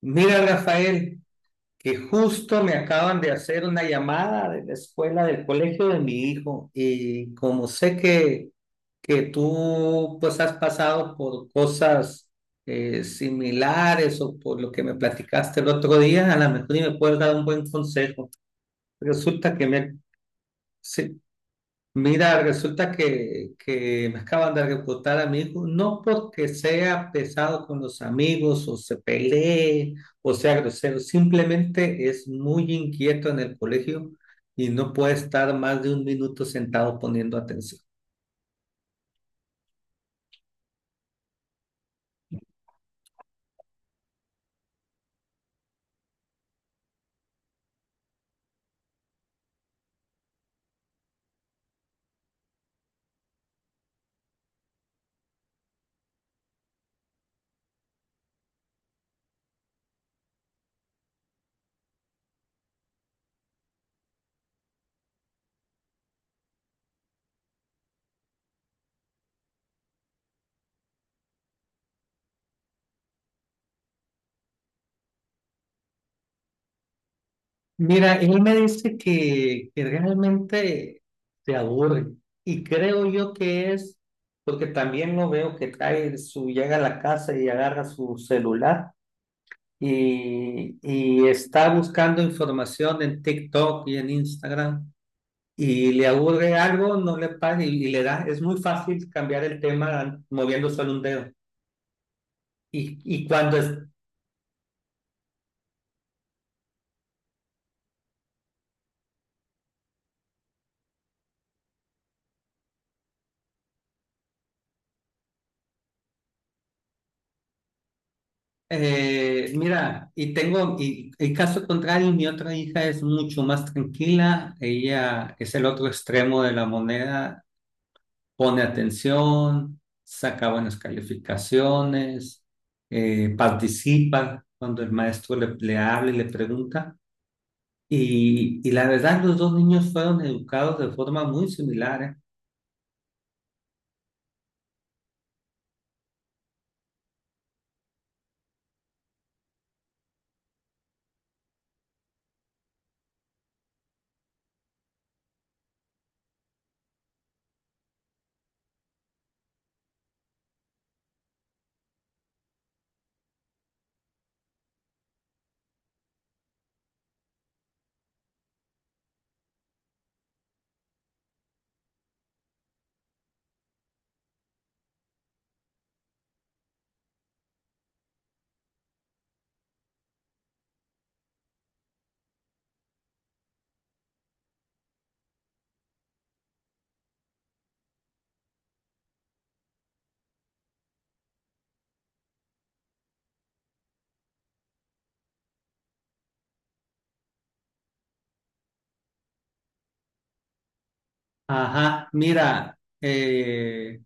Mira, Rafael, que justo me acaban de hacer una llamada de la escuela del colegio de mi hijo y como sé que tú pues has pasado por cosas similares o por lo que me platicaste el otro día, a lo mejor y me puedes dar un buen consejo. Resulta que me, mira, resulta que me acaban de reportar amigos, no porque sea pesado con los amigos o se pelee o sea grosero, simplemente es muy inquieto en el colegio y no puede estar más de un minuto sentado poniendo atención. Mira, él me dice que realmente se aburre y creo yo que es porque también lo veo que trae su, llega a la casa y agarra su celular y está buscando información en TikTok y en Instagram y le aburre algo, no le paga y le da. Es muy fácil cambiar el tema moviendo solo un dedo. Y, y cuando es, Mira, y el caso contrario, mi otra hija es mucho más tranquila, ella es el otro extremo de la moneda, pone atención, saca buenas calificaciones, participa cuando el maestro le habla y le pregunta. Y la verdad, los dos niños fueron educados de forma muy similar, ¿eh? Ajá, mira,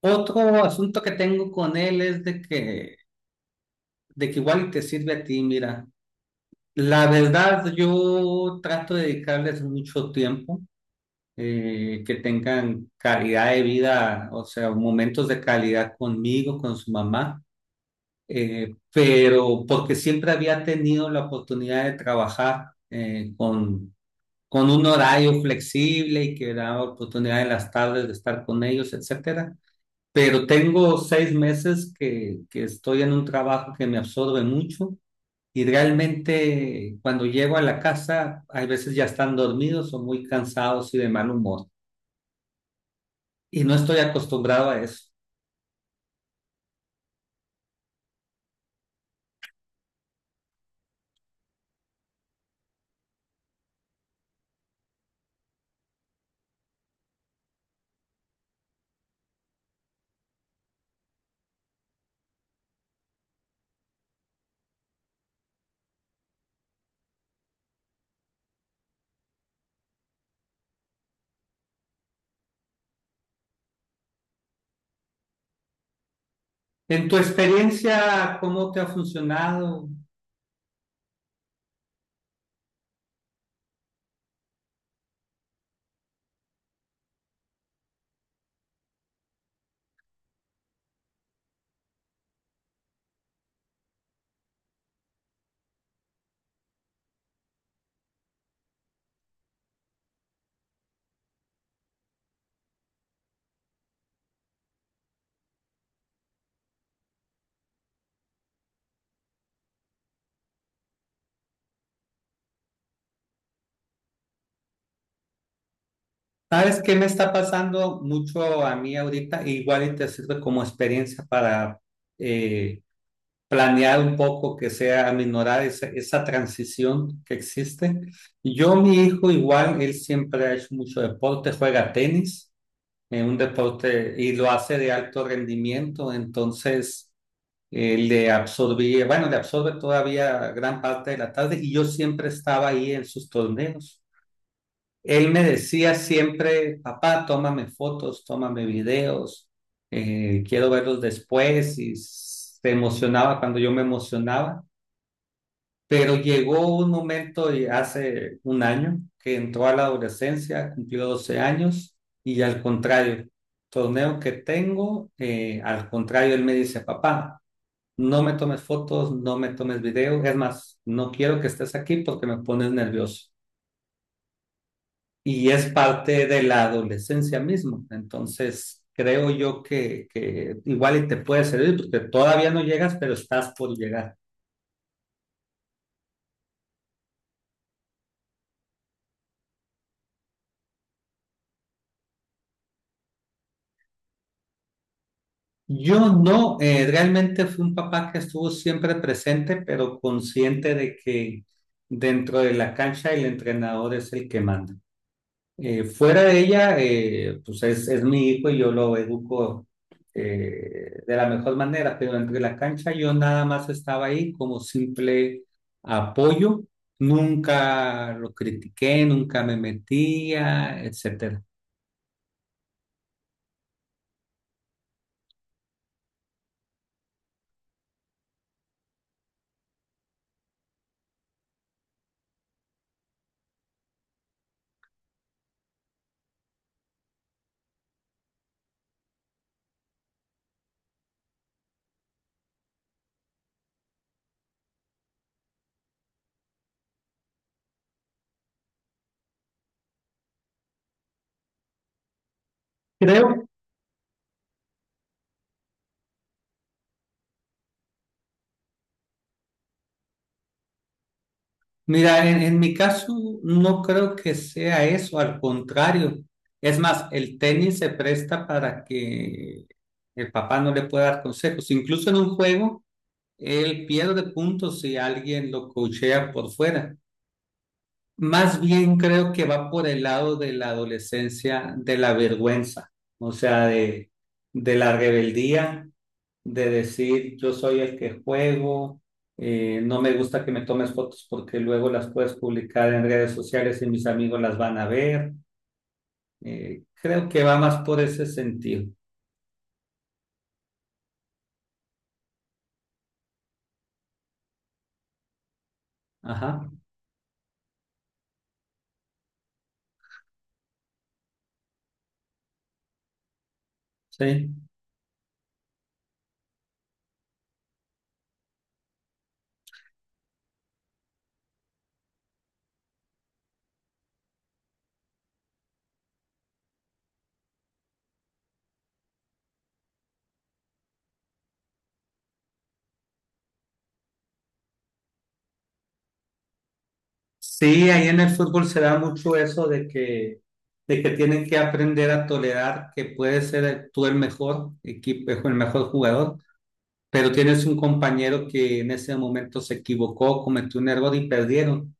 otro asunto que tengo con él es de que igual te sirve a ti, mira. La verdad, yo trato de dedicarles mucho tiempo que tengan calidad de vida, o sea, momentos de calidad conmigo, con su mamá, pero porque siempre había tenido la oportunidad de trabajar con un horario flexible y que daba oportunidad en las tardes de estar con ellos, etcétera. Pero tengo seis meses que estoy en un trabajo que me absorbe mucho. Y realmente cuando llego a la casa, a veces ya están dormidos o muy cansados y de mal humor, y no estoy acostumbrado a eso. En tu experiencia, ¿cómo te ha funcionado? ¿Sabes qué me está pasando mucho a mí ahorita? Igual y te sirve como experiencia para eh, planear un poco que sea aminorar esa transición que existe. Yo, mi hijo, igual, él siempre ha hecho mucho deporte, juega tenis, en un deporte y lo hace de alto rendimiento, entonces le absorbía, bueno, le absorbe todavía gran parte de la tarde y yo siempre estaba ahí en sus torneos. Él me decía siempre: papá, tómame fotos, tómame videos, quiero verlos después, y se emocionaba cuando yo me emocionaba, pero llegó un momento, y hace un año que entró a la adolescencia, cumplió 12 años y, al contrario, torneo que tengo, al contrario, él me dice: papá, no me tomes fotos, no me tomes video. Es más, no quiero que estés aquí porque me pones nervioso. Y es parte de la adolescencia mismo. Entonces, creo yo que igual y te puede servir porque todavía no llegas, pero estás por llegar. Yo no, realmente fui un papá que estuvo siempre presente, pero consciente de que dentro de la cancha el entrenador es el que manda. Fuera de ella, es mi hijo y yo lo educo de la mejor manera, pero entre la cancha yo nada más estaba ahí como simple apoyo, nunca lo critiqué, nunca me metía, etcétera. Creo, mira, en mi caso no creo que sea eso, al contrario. Es más, el tenis se presta para que el papá no le pueda dar consejos, incluso en un juego. Él pierde puntos si alguien lo coachea por fuera. Más bien creo que va por el lado de la adolescencia, de la vergüenza, o sea, de, de la rebeldía, de decir yo soy el que juego, no me gusta que me tomes fotos porque luego las puedes publicar en redes sociales y mis amigos las van a ver. Creo que va más por ese sentido. Ajá, sí. Sí, ahí en el fútbol se da mucho eso de que tienen que aprender a tolerar que puedes ser el- tú el mejor equipo, el mejor jugador, pero tienes un compañero que en ese momento se equivocó, cometió un error y perdieron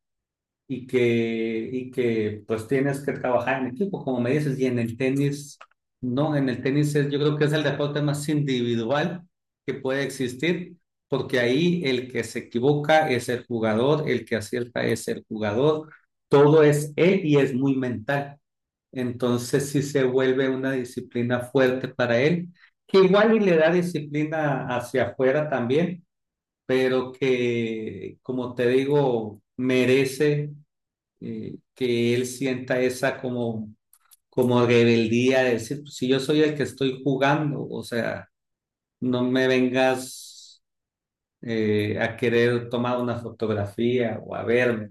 y que pues tienes que trabajar en equipo, como me dices, y en el tenis, no, en el tenis es- yo creo que es el deporte más individual que puede existir, porque ahí el que se equivoca es el jugador, el que acierta es el jugador, todo es él y es muy mental. Entonces sí se vuelve una disciplina fuerte para él, que igual y le da disciplina hacia afuera también, pero que, como te digo, merece que él sienta esa como, como rebeldía de decir, pues, si yo soy el que estoy jugando, o sea, no me vengas a querer tomar una fotografía o a verme.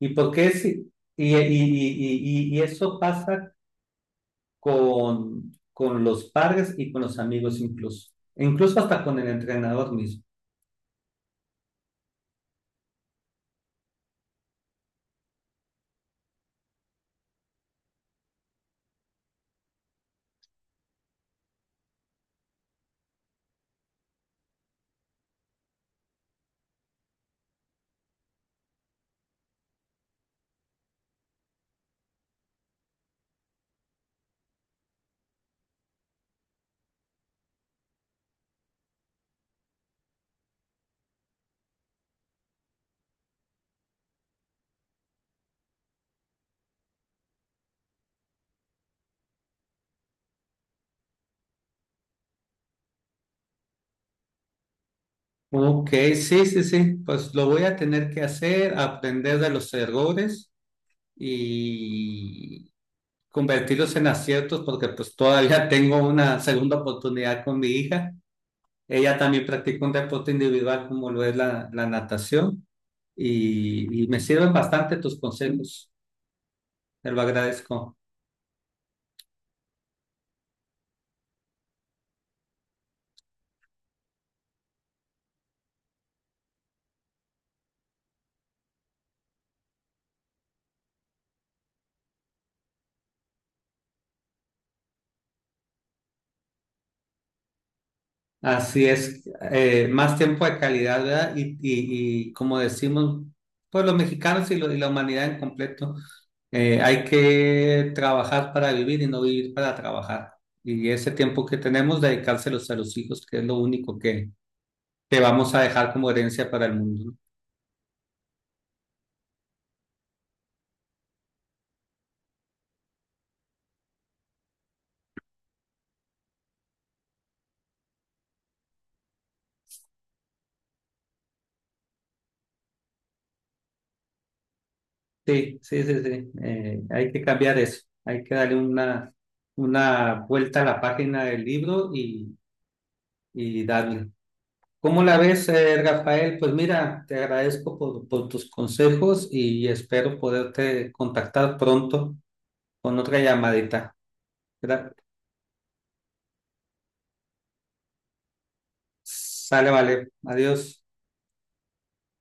¿Y por qué sí? Y eso pasa con los padres y con los amigos incluso, e incluso hasta con el entrenador mismo. Ok, sí, pues lo voy a tener que hacer, aprender de los errores y convertirlos en aciertos porque pues todavía tengo una segunda oportunidad con mi hija. Ella también practica un deporte individual como lo es la natación y me sirven bastante tus consejos, te lo agradezco. Así es, más tiempo de calidad, ¿verdad? Y como decimos, pues los mexicanos y, lo- y la humanidad en completo, hay que trabajar para vivir y no vivir para trabajar. Y ese tiempo que tenemos, dedicárselos a los hijos, que es lo único que vamos a dejar como herencia para el mundo. Sí. Hay que cambiar eso. Hay que darle una vuelta a la página del libro y darle. ¿Cómo la ves, Rafael? Pues mira, te agradezco por tus consejos y espero poderte contactar pronto con otra llamadita. Gra- Sale, vale. Adiós.